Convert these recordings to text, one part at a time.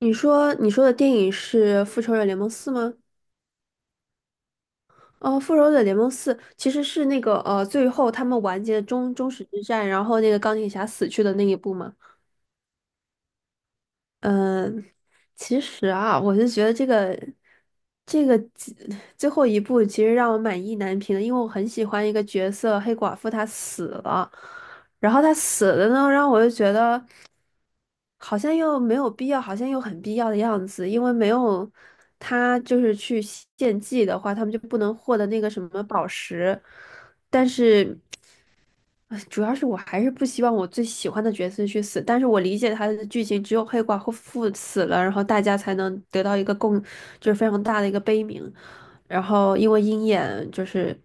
你说的电影是《复仇者联盟四》吗？哦，《复仇者联盟四》其实是那个最后他们完结的终始之战，然后那个钢铁侠死去的那一部嘛。嗯，其实啊，我就觉得这个最后一部其实让我满意难平的，因为我很喜欢一个角色黑寡妇，她死了，然后她死了呢，让我就觉得，好像又没有必要，好像又很必要的样子，因为没有他就是去献祭的话，他们就不能获得那个什么宝石，但是。主要是我还是不希望我最喜欢的角色去死，但是我理解他的剧情，只有黑寡妇死了，然后大家才能得到一个共，就是非常大的一个悲鸣。然后因为鹰眼就是，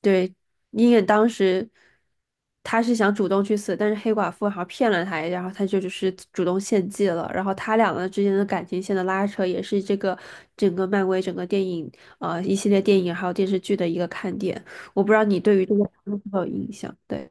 对，鹰眼当时他是想主动去死，但是黑寡妇好像骗了他，然后他就只是主动献祭了。然后他俩个之间的感情线的拉扯，也是这个整个漫威整个电影一系列电影还有电视剧的一个看点。我不知道你对于这个有没有印象？对，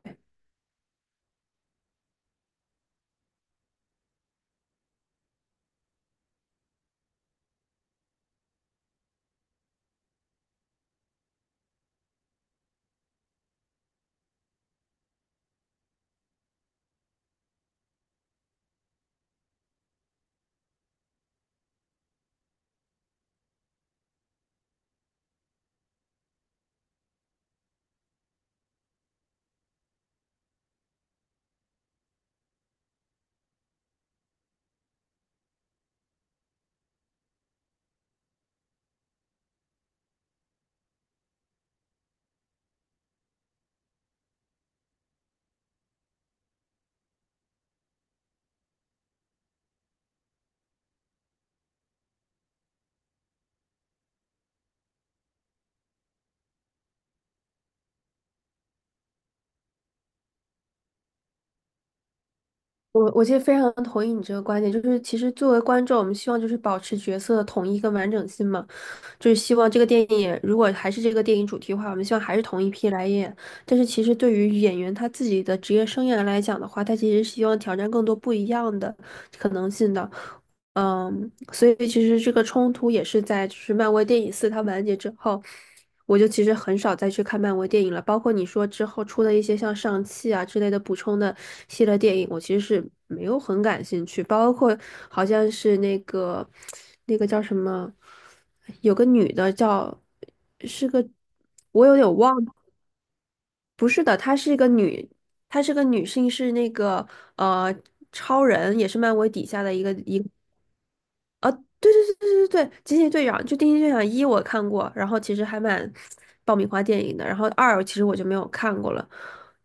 我其实非常同意你这个观点，就是其实作为观众，我们希望就是保持角色的统一跟完整性嘛，就是希望这个电影如果还是这个电影主题的话，我们希望还是同一批来演。但是其实对于演员他自己的职业生涯来讲的话，他其实是希望挑战更多不一样的可能性的。所以其实这个冲突也是在就是漫威电影四它完结之后。我就其实很少再去看漫威电影了，包括你说之后出的一些像上汽啊之类的补充的系列电影，我其实是没有很感兴趣。包括好像是那个那个叫什么，有个女的叫是个，我有点忘了，不是的，她是一个女，她是个女性，是那个呃超人，也是漫威底下的一个对对对对对对，惊奇队长一我看过，然后其实还蛮爆米花电影的，然后二其实我就没有看过了，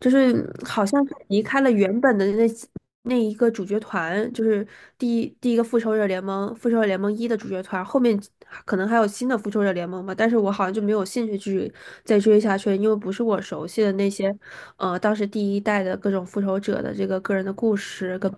就是好像是离开了原本的那一个主角团，就是第一个复仇者联盟，复仇者联盟一的主角团，后面可能还有新的复仇者联盟吧，但是我好像就没有兴趣去再追下去了因为不是我熟悉的那些，当时第一代的各种复仇者的这个个人的故事。跟。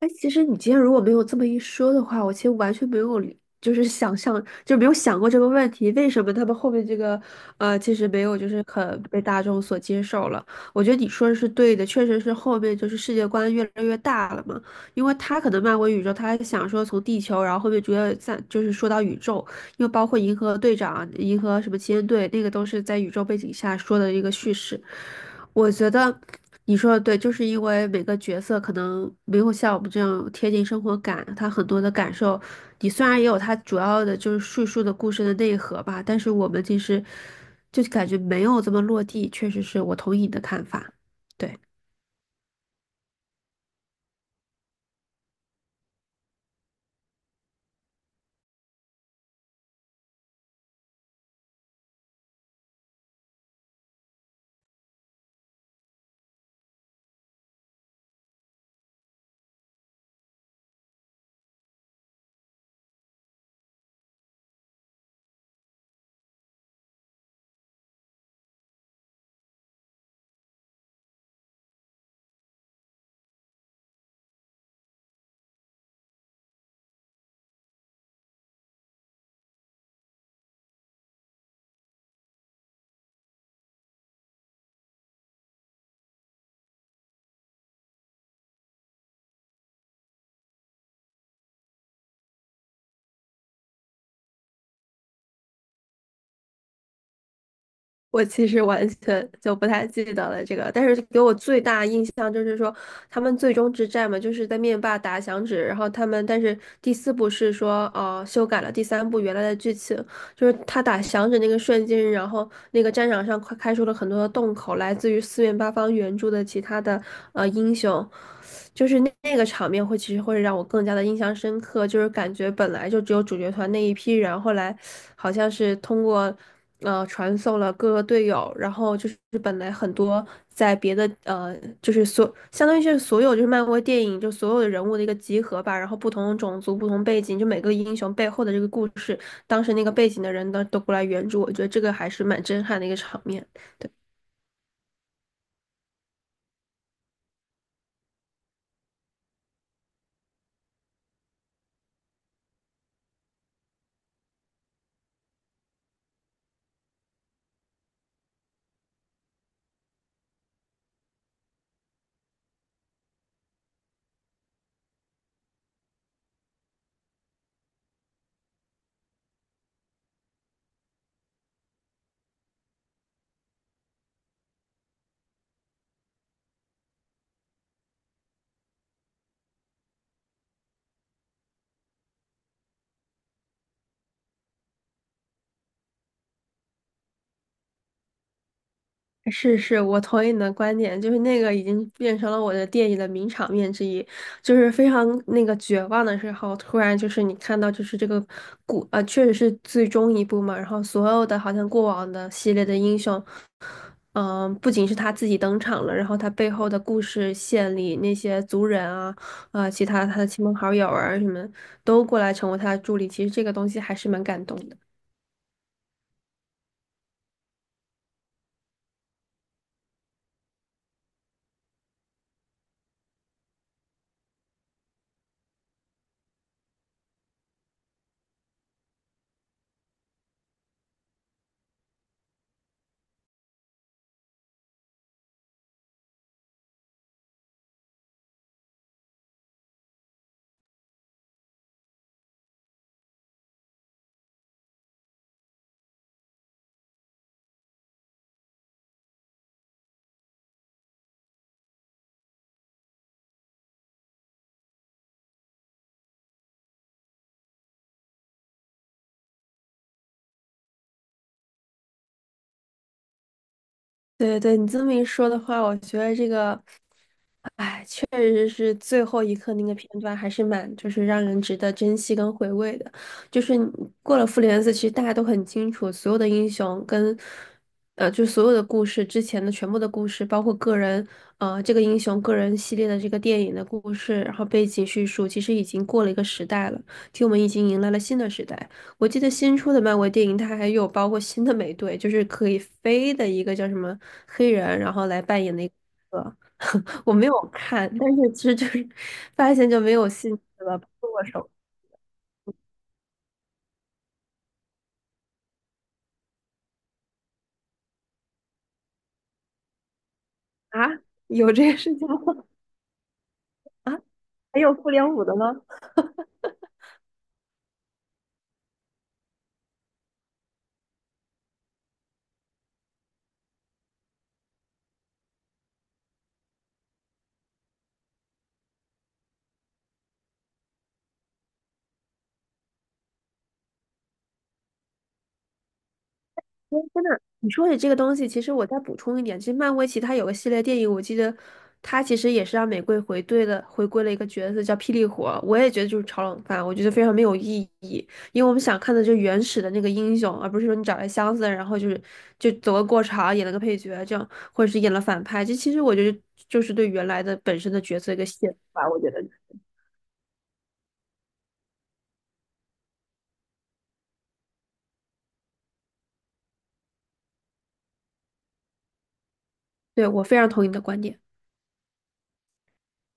哎，其实你今天如果没有这么一说的话，我其实完全没有理，就是想象，就没有想过这个问题，为什么他们后面这个，其实没有就是可被大众所接受了。我觉得你说的是对的，确实是后面就是世界观越来越大了嘛，因为他可能漫威宇宙，他还想说从地球，然后后面逐渐在就是说到宇宙，又包括银河队长、银河什么奇恩队，那个都是在宇宙背景下说的一个叙事。我觉得你说的对，就是因为每个角色可能没有像我们这样贴近生活感，他很多的感受，你虽然也有他主要的就是叙述的故事的内核吧，但是我们其实就感觉没有这么落地，确实是我同意你的看法。对。我其实完全就不太记得了这个，但是给我最大印象就是说，他们最终之战嘛，就是在灭霸打响指，然后他们但是第四部是说，修改了第三部原来的剧情，就是他打响指那个瞬间，然后那个战场上快开出了很多的洞口，来自于四面八方援助的其他的英雄，就是那那个场面会其实会让我更加的印象深刻，就是感觉本来就只有主角团那一批人，后来好像是通过传送了各个队友，然后就是本来很多在别的就是所相当于是所有就是漫威电影就所有的人物的一个集合吧，然后不同种族、不同背景，就每个英雄背后的这个故事，当时那个背景的人呢都过来援助，我觉得这个还是蛮震撼的一个场面。对。是是，我同意你的观点，就是那个已经变成了我的电影的名场面之一，就是非常那个绝望的时候，突然就是你看到就是这个确实是最终一部嘛，然后所有的好像过往的系列的英雄，不仅是他自己登场了，然后他背后的故事线里那些族人啊，其他他的亲朋好友啊什么都过来成为他的助理，其实这个东西还是蛮感动的。对对，你这么一说的话，我觉得这个。确实是最后一刻那个片段，还是蛮就是让人值得珍惜跟回味的。就是你过了复联四，其实大家都很清楚，所有的英雄跟就所有的故事之前的全部的故事，包括个人这个英雄个人系列的这个电影的故事，然后背景叙述，其实已经过了一个时代了。其实我们已经迎来了新的时代。我记得新出的漫威电影，它还有包括新的美队，就是可以飞的一个叫什么黑人，然后来扮演的一个。我没有看，但是其实就是发现就没有兴趣了，不剁手啊？有这个事情吗？啊，还有复联五的吗？哎真的，你说起这个东西，其实我再补充一点，其实漫威其他有个系列电影，我记得它其实也是让玫瑰回对的，回归了一个角色叫霹雳火，我也觉得就是炒冷饭，我觉得非常没有意义，因为我们想看的就是原始的那个英雄，而不是说你找来箱子，然后就是就走个过场，演了个配角这样，或者是演了反派，这其实我觉得就是对原来的本身的角色一个亵渎吧，我觉得，对，我非常同意你的观点。